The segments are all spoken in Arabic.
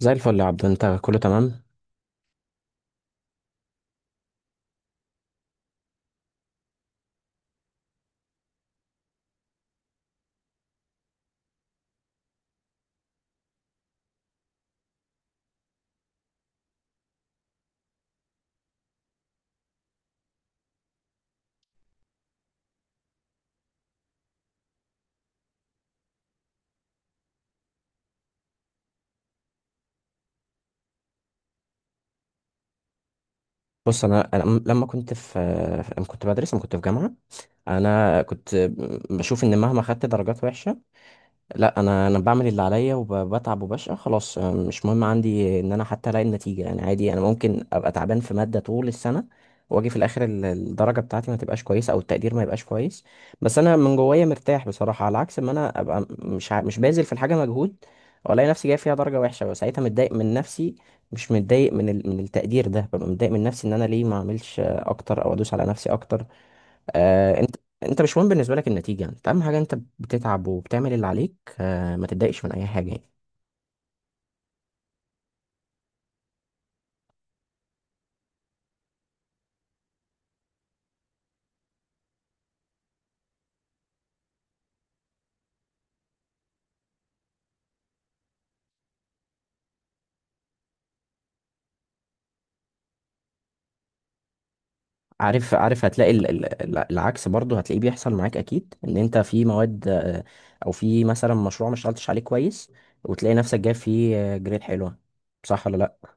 زي الفل يا عبد، انت كله تمام؟ بص، انا لما كنت في جامعه، انا كنت بشوف ان مهما خدت درجات وحشه، لا انا بعمل اللي عليا وبتعب وبشقى خلاص. مش مهم عندي ان انا حتى الاقي النتيجه. يعني عادي، انا ممكن ابقى تعبان في ماده طول السنه واجي في الاخر الدرجه بتاعتي ما تبقاش كويسه او التقدير ما يبقاش كويس، بس انا من جوايا مرتاح بصراحه، على عكس ما انا ابقى مش مش باذل في الحاجه مجهود والاقي نفسي جاي فيها درجه وحشه، وساعتها متضايق من نفسي، مش متضايق من من التقدير ده، ببقى متضايق من نفسي ان انا ليه ما اعملش اكتر او ادوس على نفسي اكتر. آه انت انت مش مهم بالنسبه لك النتيجه، انت اهم حاجه انت بتتعب وبتعمل اللي عليك، ما تتضايقش من اي حاجه يعني. عارف، عارف، هتلاقي العكس برضه هتلاقيه بيحصل معاك اكيد، ان انت في مواد او في مثلا مشروع ما اشتغلتش عليه كويس وتلاقي نفسك جايب فيه جريد حلوه، صح ولا لا؟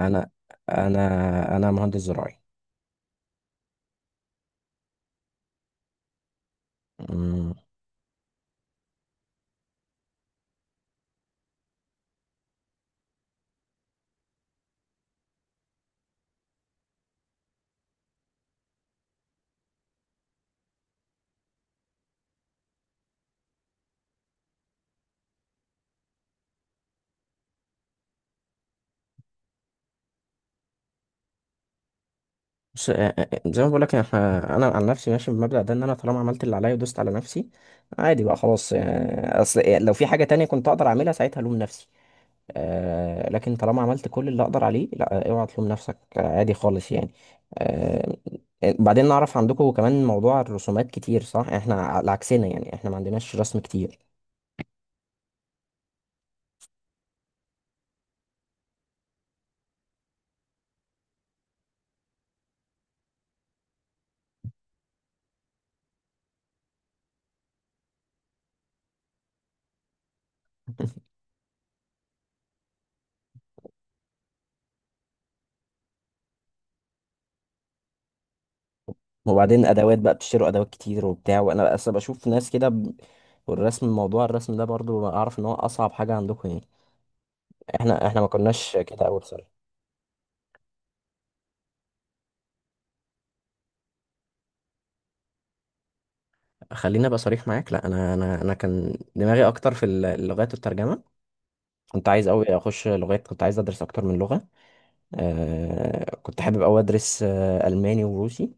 انا انا مهندس زراعي. بص، زي ما بقول لك، احنا، انا عن نفسي ماشي بالمبدأ ده، ان انا طالما عملت اللي عليا ودوست على نفسي، عادي بقى خلاص. اصل لو في حاجة تانية كنت اقدر اعملها ساعتها الوم نفسي، لكن طالما عملت كل اللي اقدر عليه، لا اوعى تلوم نفسك، عادي خالص يعني. آه، بعدين نعرف، عندكم كمان موضوع الرسومات كتير صح؟ احنا على عكسنا يعني، احنا ما عندناش رسم كتير. وبعدين ادوات بقى، بتشتروا ادوات كتير وبتاع، وانا اصلا بشوف ناس كده موضوع الرسم ده برضو، اعرف ان هو اصعب حاجة عندكم يعني. احنا، احنا ما كناش كده قوي بصراحه. خليني ابقى صريح معاك، لا انا كان دماغي اكتر في اللغات والترجمه، كنت عايز قوي اخش لغات، كنت عايز ادرس اكتر من لغه. كنت حابب قوي ادرس الماني وروسي،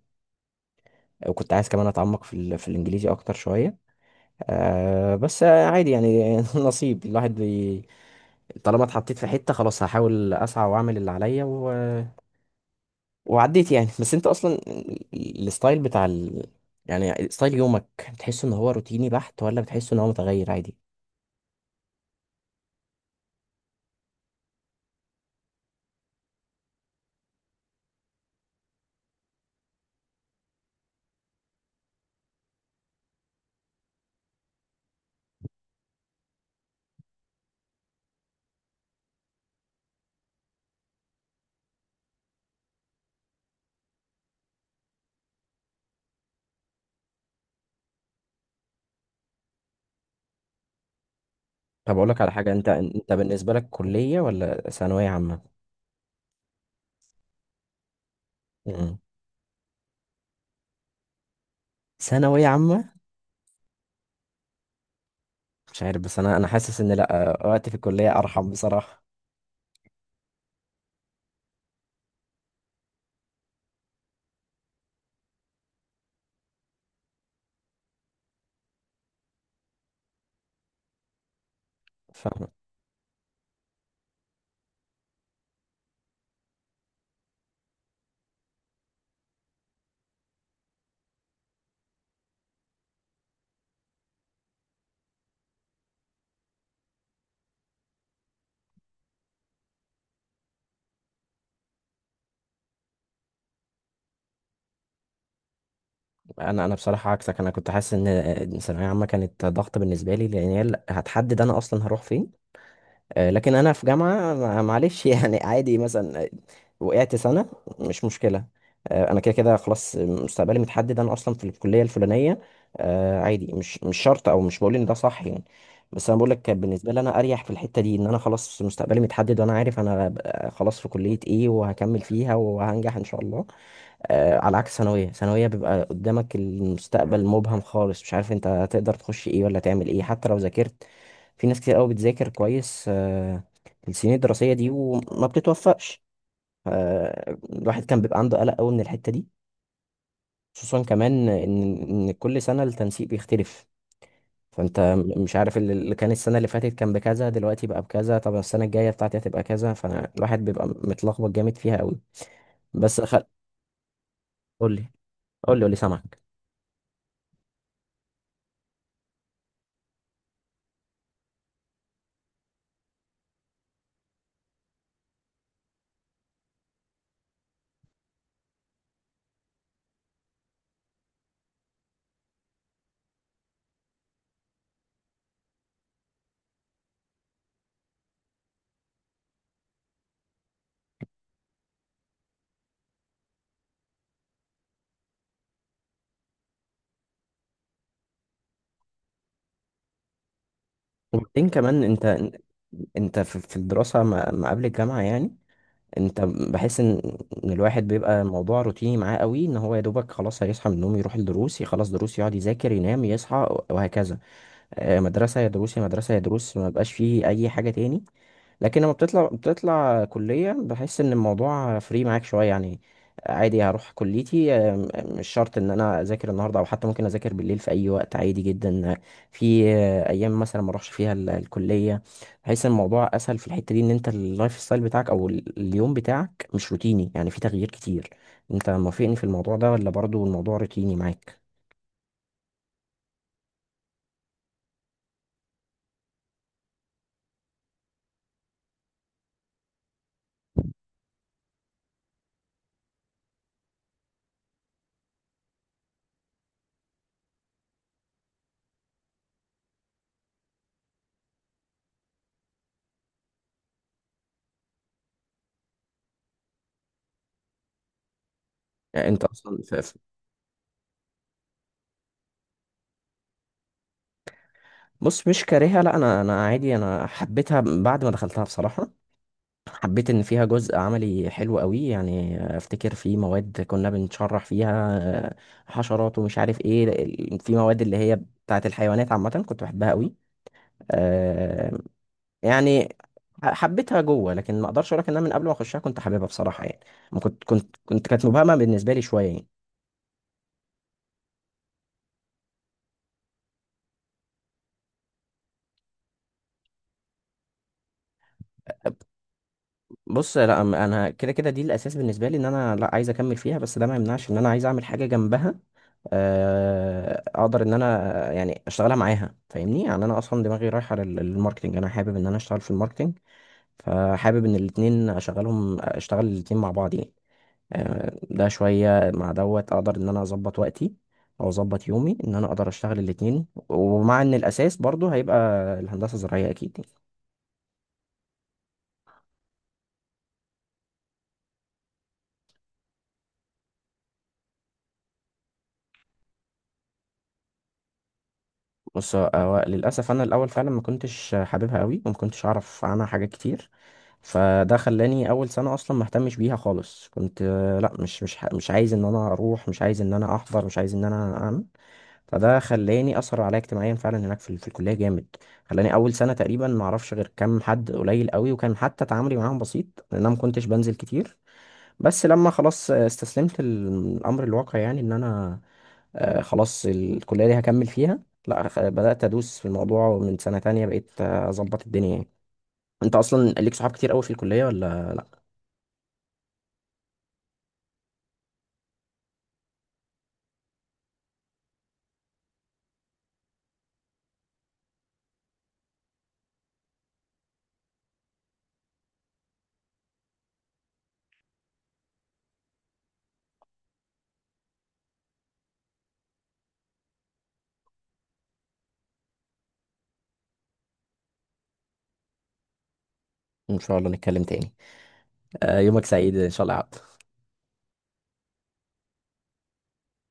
وكنت عايز كمان اتعمق في في الانجليزي اكتر شويه. بس عادي يعني. نصيب الواحد طالما اتحطيت في حته خلاص، هحاول اسعى واعمل اللي عليا وعديت يعني. بس انت اصلا الستايل بتاع ال... يعني ستايل يومك، بتحس ان هو روتيني بحت ولا بتحس ان هو متغير عادي؟ طب اقول لك على حاجه، انت، انت بالنسبه لك كليه ولا ثانويه عامه؟ مم. ثانويه عامه. مش عارف، بس انا حاسس ان لا، وقتي في الكليه ارحم بصراحه. فاهم. انا بصراحه عكسك، انا كنت حاسس ان ثانويه عامه كانت ضغط بالنسبه لي، لان هي اللي هتحدد انا اصلا هروح فين. لكن انا في جامعه، معلش يعني. عادي مثلا وقعت سنه، مش مشكله. انا كده كده خلاص مستقبلي متحدد، انا اصلا في الكليه الفلانيه. عادي، مش شرط، او مش بقول ان ده صح يعني، بس انا بقول لك كان بالنسبه لي انا اريح في الحته دي، ان انا خلاص مستقبلي متحدد، وانا عارف انا خلاص في كليه ايه وهكمل فيها وهنجح ان شاء الله. على عكس ثانوية، بيبقى قدامك المستقبل مبهم خالص، مش عارف انت هتقدر تخش ايه ولا تعمل ايه حتى لو ذاكرت. في ناس كتير قوي بتذاكر كويس السنين الدراسية دي وما بتتوفقش. الواحد كان بيبقى عنده قلق قوي من الحتة دي، خصوصا كمان ان كل سنة التنسيق بيختلف، فانت مش عارف اللي كان السنة اللي فاتت كان بكذا، دلوقتي بقى بكذا، طب السنة الجاية بتاعتي هتبقى كذا، فالواحد بيبقى متلخبط جامد فيها قوي. بس خل... قول لي، قول لي، قول لي، سامعك. وبعدين كمان، انت في الدراسة ما قبل الجامعة يعني، انت بحس ان الواحد بيبقى الموضوع روتيني معاه قوي، ان هو يا دوبك خلاص هيصحى من النوم، يروح الدروس، يخلص دروس، يقعد يذاكر، ينام، يصحى، وهكذا. مدرسة يا دروس، يا مدرسة يا دروس، ما بقاش فيه اي حاجة تاني. لكن لما بتطلع كلية، بحس ان الموضوع فري معاك شوية يعني. عادي هروح كليتي، مش شرط ان انا اذاكر النهاردة، او حتى ممكن اذاكر بالليل في اي وقت، عادي جدا. في ايام مثلا ما اروحش فيها الكلية، بحس ان الموضوع اسهل في الحتة دي، ان انت اللايف ستايل بتاعك، او اليوم بتاعك مش روتيني يعني، في تغيير كتير. انت موافقني في الموضوع ده ولا برضو الموضوع روتيني معاك؟ يعني انت اصلا بص، مش كارهها، لا، انا، انا عادي، انا حبيتها بعد ما دخلتها بصراحة، حبيت ان فيها جزء عملي حلو قوي يعني. افتكر في مواد كنا بنشرح فيها آه، حشرات ومش عارف ايه في مواد اللي هي بتاعت الحيوانات عامة، كنت بحبها قوي. آه، يعني حبيتها جوه، لكن ما اقدرش اقول لك ان انا من قبل ما اخشها كنت حاببها بصراحة يعني، ما كنت كنت كنت كانت مبهمة بالنسبة لي شوية يعني. بص لا، انا كده كده دي الاساس بالنسبة لي، ان انا لا عايز اكمل فيها، بس ده ما يمنعش ان انا عايز اعمل حاجة جنبها، اقدر ان انا يعني اشتغلها معاها، فاهمني يعني؟ انا اصلا دماغي رايحه للماركتينج، انا حابب ان انا اشتغل في الماركتينج، فحابب ان الاتنين اشغلهم، اشتغل الاتنين مع بعض يعني. ده شويه مع دوت اقدر ان انا اظبط وقتي، او اظبط يومي، ان انا اقدر اشتغل الاتنين، ومع ان الاساس برضو هيبقى الهندسه الزراعيه اكيد يعني. بص، هو للأسف أنا الأول فعلا ما كنتش حاببها قوي وما كنتش أعرف عنها حاجات كتير، فده خلاني أول سنة أصلا ما اهتمش بيها خالص. كنت لا، مش عايز إن أنا أروح، مش عايز إن أنا أحضر، مش عايز إن أنا أعمل، فده خلاني أثر عليا اجتماعيا فعلا هناك في، في الكلية جامد. خلاني أول سنة تقريبا ما أعرفش غير كام حد قليل قوي، وكان حتى تعاملي معاهم بسيط، لأن أنا ما كنتش بنزل كتير. بس لما خلاص استسلمت الامر الواقع يعني، ان انا خلاص الكلية دي هكمل فيها، لا بدأت ادوس في الموضوع، ومن سنة تانية بقيت اظبط الدنيا يعني. انت اصلا ليك صحاب كتير قوي في الكلية ولا لا؟ ان شاء الله نتكلم تاني. يومك سعيد ان شاء الله يا عبد.